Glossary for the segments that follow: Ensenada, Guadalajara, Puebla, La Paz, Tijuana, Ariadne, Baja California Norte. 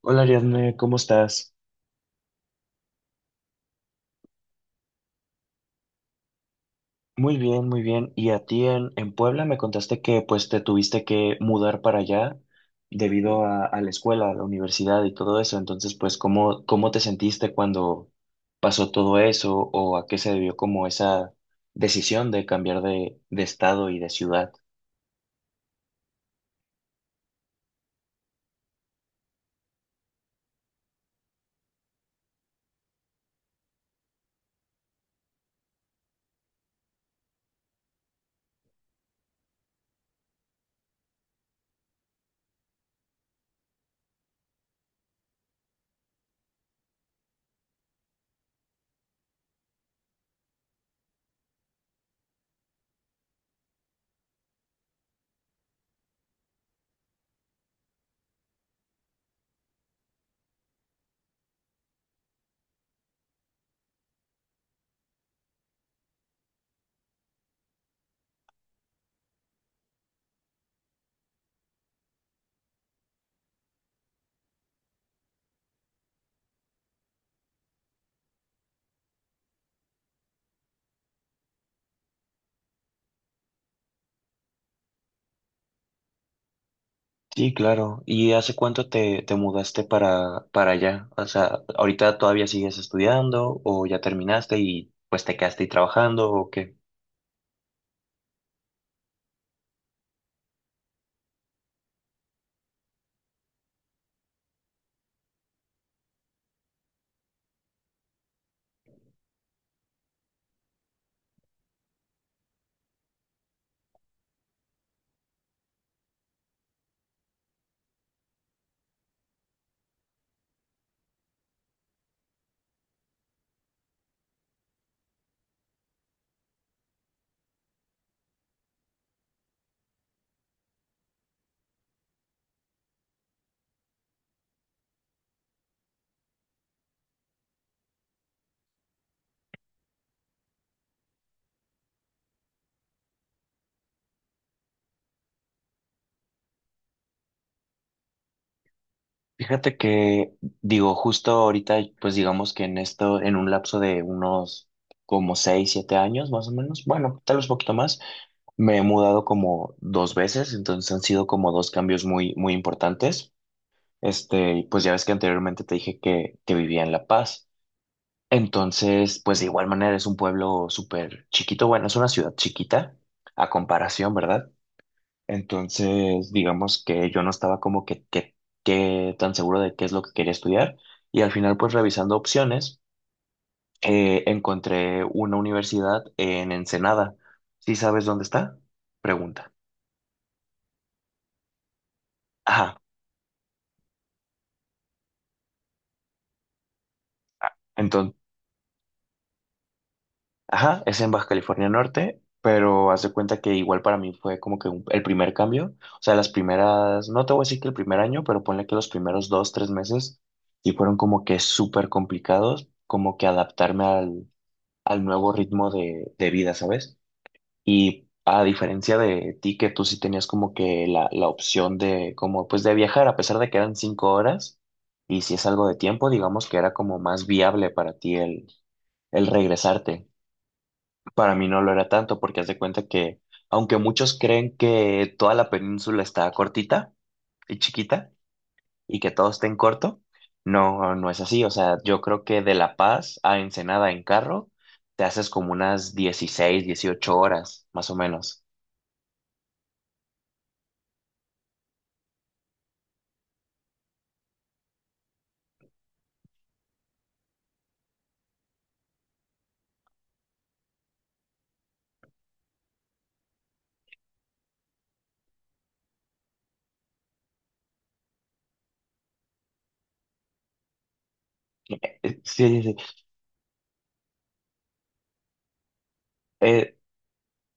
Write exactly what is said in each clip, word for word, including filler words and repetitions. Hola Ariadne, ¿cómo estás? Muy bien, muy bien. ¿Y a ti en, en Puebla me contaste que pues te tuviste que mudar para allá debido a, a la escuela, a la universidad y todo eso? Entonces, pues, ¿cómo, cómo te sentiste cuando pasó todo eso o a qué se debió como esa decisión de cambiar de, de estado y de ciudad? Sí, claro. ¿Y hace cuánto te, te mudaste para, para allá? O sea, ¿ahorita todavía sigues estudiando o ya terminaste y pues te quedaste ahí trabajando o qué? Fíjate que, digo, justo ahorita, pues digamos que en esto, en un lapso de unos como seis, siete años más o menos, bueno, tal vez poquito más, me he mudado como dos veces, entonces han sido como dos cambios muy, muy importantes. Este, pues ya ves que anteriormente te dije que, que vivía en La Paz. Entonces, pues de igual manera es un pueblo súper chiquito, bueno, es una ciudad chiquita a comparación, ¿verdad? Entonces, digamos que yo no estaba como que, que, que tan seguro de qué es lo que quería estudiar y al final pues revisando opciones eh, encontré una universidad en Ensenada. ¿Sí sabes dónde está? Pregunta. Ajá, entonces, ajá, es en Baja California Norte, pero haz de cuenta que igual para mí fue como que un- el primer cambio, o sea, las primeras, no te voy a decir que el primer año, pero ponle que los primeros dos, tres meses sí fueron como que súper complicados, como que adaptarme al nuevo ritmo de, de vida, ¿sabes? Y a diferencia de ti, que tú sí tenías como que la, la opción de, como, pues de viajar, a pesar de que eran cinco horas, y si es algo de tiempo, digamos que era como más viable para ti el, el regresarte. Para mí no lo era tanto, porque haz de cuenta que, aunque muchos creen que toda la península está cortita y chiquita, y que todo esté en corto. No, no es así. O sea, yo creo que de La Paz a Ensenada en carro te haces como unas dieciséis dieciocho horas, más o menos. Eh, Sí, sí, sí. Eh,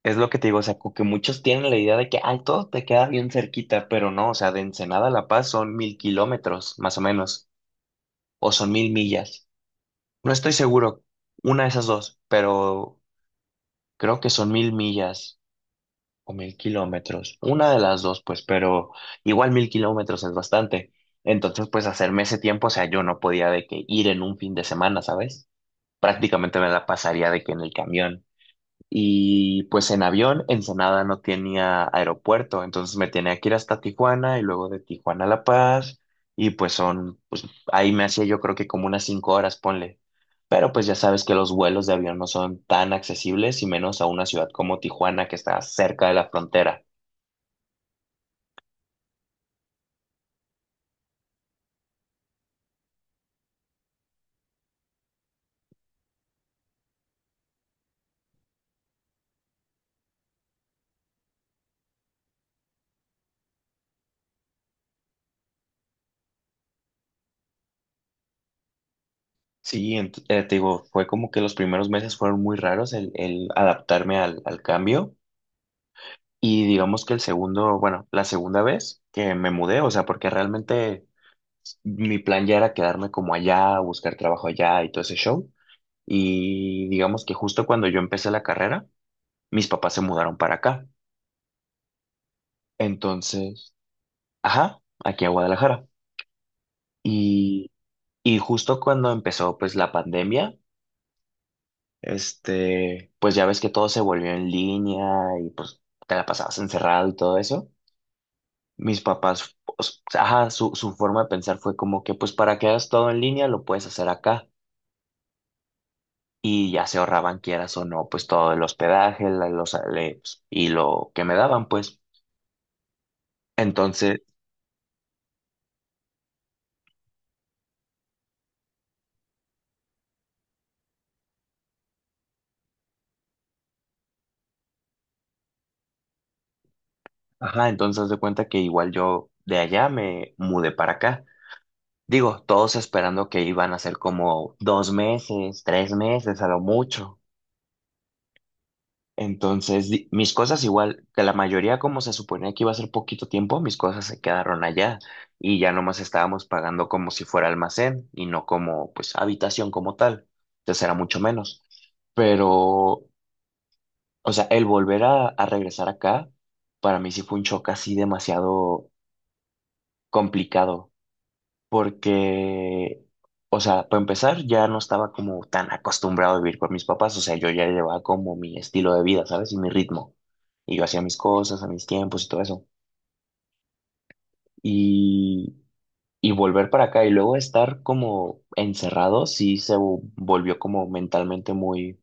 es lo que te digo, o sea, como que muchos tienen la idea de que, ay, todo te queda bien cerquita, pero no, o sea, de Ensenada a La Paz son mil kilómetros, más o menos, o son mil millas. No estoy seguro, una de esas dos, pero creo que son mil millas. O mil kilómetros. Una de las dos, pues, pero igual mil kilómetros es bastante. Entonces, pues, hacerme ese tiempo, o sea, yo no podía de que ir en un fin de semana, ¿sabes? Prácticamente me la pasaría de que en el camión. Y pues en avión, Ensenada no tenía aeropuerto, entonces me tenía que ir hasta Tijuana y luego de Tijuana a La Paz. Y pues son, pues ahí me hacía yo creo que como unas cinco horas, ponle. Pero pues ya sabes que los vuelos de avión no son tan accesibles y menos a una ciudad como Tijuana que está cerca de la frontera. Sí, ent- eh, te digo, fue como que los primeros meses fueron muy raros el, el adaptarme al, al cambio y digamos que el segundo, bueno, la segunda vez que me mudé, o sea, porque realmente mi plan ya era quedarme como allá, buscar trabajo allá y todo ese show. Y digamos que justo cuando yo empecé la carrera, mis papás se mudaron para acá. Entonces, ajá, aquí a Guadalajara. Y, y justo cuando empezó pues la pandemia. Este, pues ya ves que todo se volvió en línea y pues te la pasabas encerrado y todo eso. Mis papás, pues, ajá, su, su forma de pensar fue como que pues para que hagas todo en línea lo puedes hacer acá. Y ya se ahorraban, quieras o no, pues todo el hospedaje, la- los, ale- y lo que me daban, pues. Entonces, ajá, entonces haz de cuenta que igual yo de allá me mudé para acá. Digo, todos esperando que iban a ser como dos meses, tres meses a lo mucho. Entonces, di- mis cosas igual, que la mayoría como se suponía que iba a ser poquito tiempo, mis cosas se quedaron allá y ya nomás estábamos pagando como si fuera almacén y no como pues habitación como tal. Entonces era mucho menos. Pero, o sea, el volver a, a regresar acá, para mí sí fue un choque así demasiado complicado porque, o sea, para empezar, ya no estaba como tan acostumbrado a vivir con mis papás, o sea, yo ya llevaba como mi estilo de vida, ¿sabes? Y mi ritmo. Y yo hacía mis cosas, a mis tiempos y todo eso. Y, y volver para acá y luego estar como encerrado, sí se vo- volvió como mentalmente muy,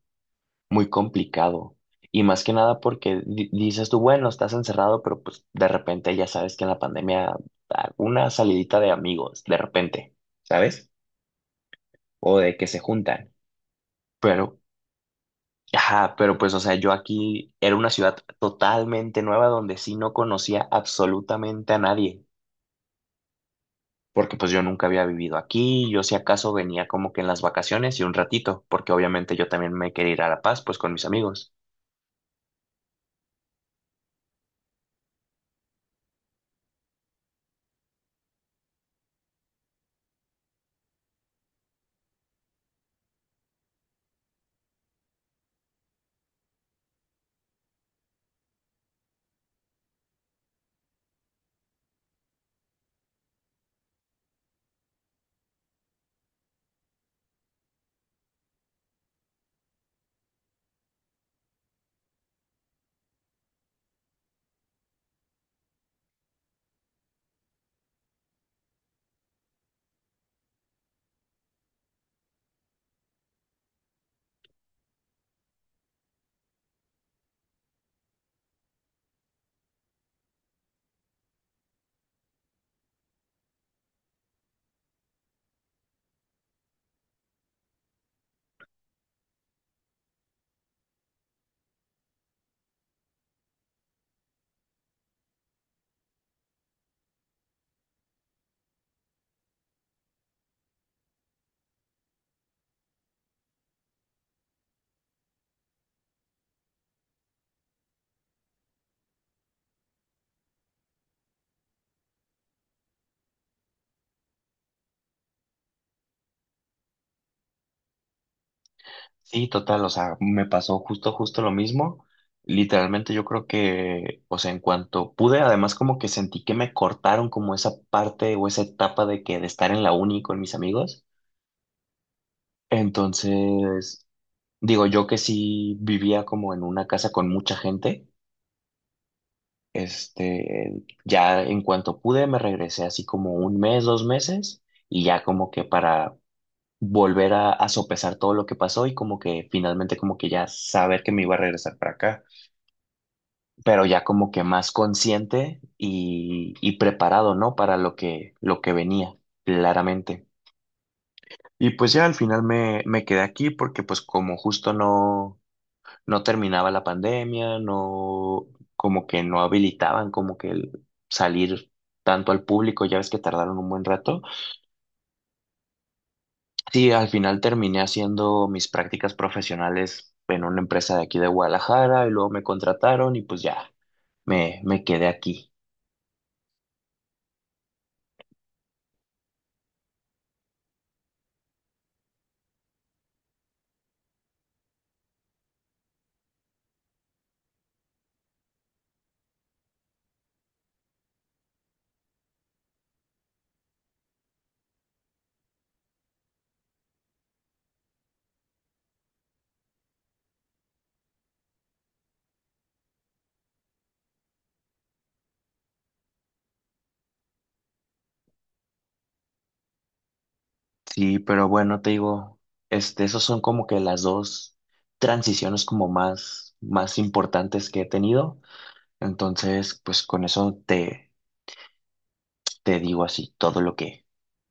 muy complicado. Y más que nada porque di- dices tú, bueno, estás encerrado, pero pues de repente ya sabes que en la pandemia, ah, una salidita de amigos, de repente, ¿sabes? O de que se juntan. Pero, ajá, pero pues, o sea, yo aquí era una ciudad totalmente nueva donde sí no conocía absolutamente a nadie, porque pues yo nunca había vivido aquí, yo si acaso venía como que en las vacaciones y un ratito, porque obviamente yo también me quería ir a La Paz, pues con mis amigos. Sí, total, o sea, me pasó justo, justo lo mismo. Literalmente yo creo que, o sea, en cuanto pude, además como que sentí que me cortaron como esa parte o esa etapa de que de estar en la uni con mis amigos. Entonces, digo, yo que sí vivía como en una casa con mucha gente, este, ya en cuanto pude me regresé así como un mes, dos meses y ya como que para volver a, a sopesar todo lo que pasó y como que finalmente como que ya saber que me iba a regresar para acá, pero ya como que más consciente y, y preparado, ¿no? Para lo que, lo que venía, claramente. Y pues ya al final me, me quedé aquí porque pues como justo no no terminaba la pandemia, no, como que no habilitaban como que el salir tanto al público, ya ves que tardaron un buen rato. Sí, al final terminé haciendo mis prácticas profesionales en una empresa de aquí de Guadalajara y luego me contrataron y pues ya, me, me quedé aquí. Sí, pero bueno, te digo, este, esos son como que las dos transiciones como más, más importantes que he tenido. Entonces, pues con eso te, te digo así todo lo que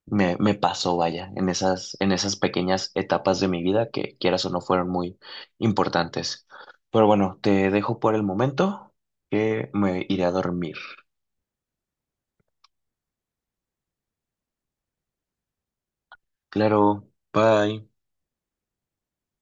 me, me pasó, vaya, en esas, en esas pequeñas etapas de mi vida que quieras o no fueron muy importantes. Pero bueno, te dejo por el momento que me iré a dormir. Claro, bye.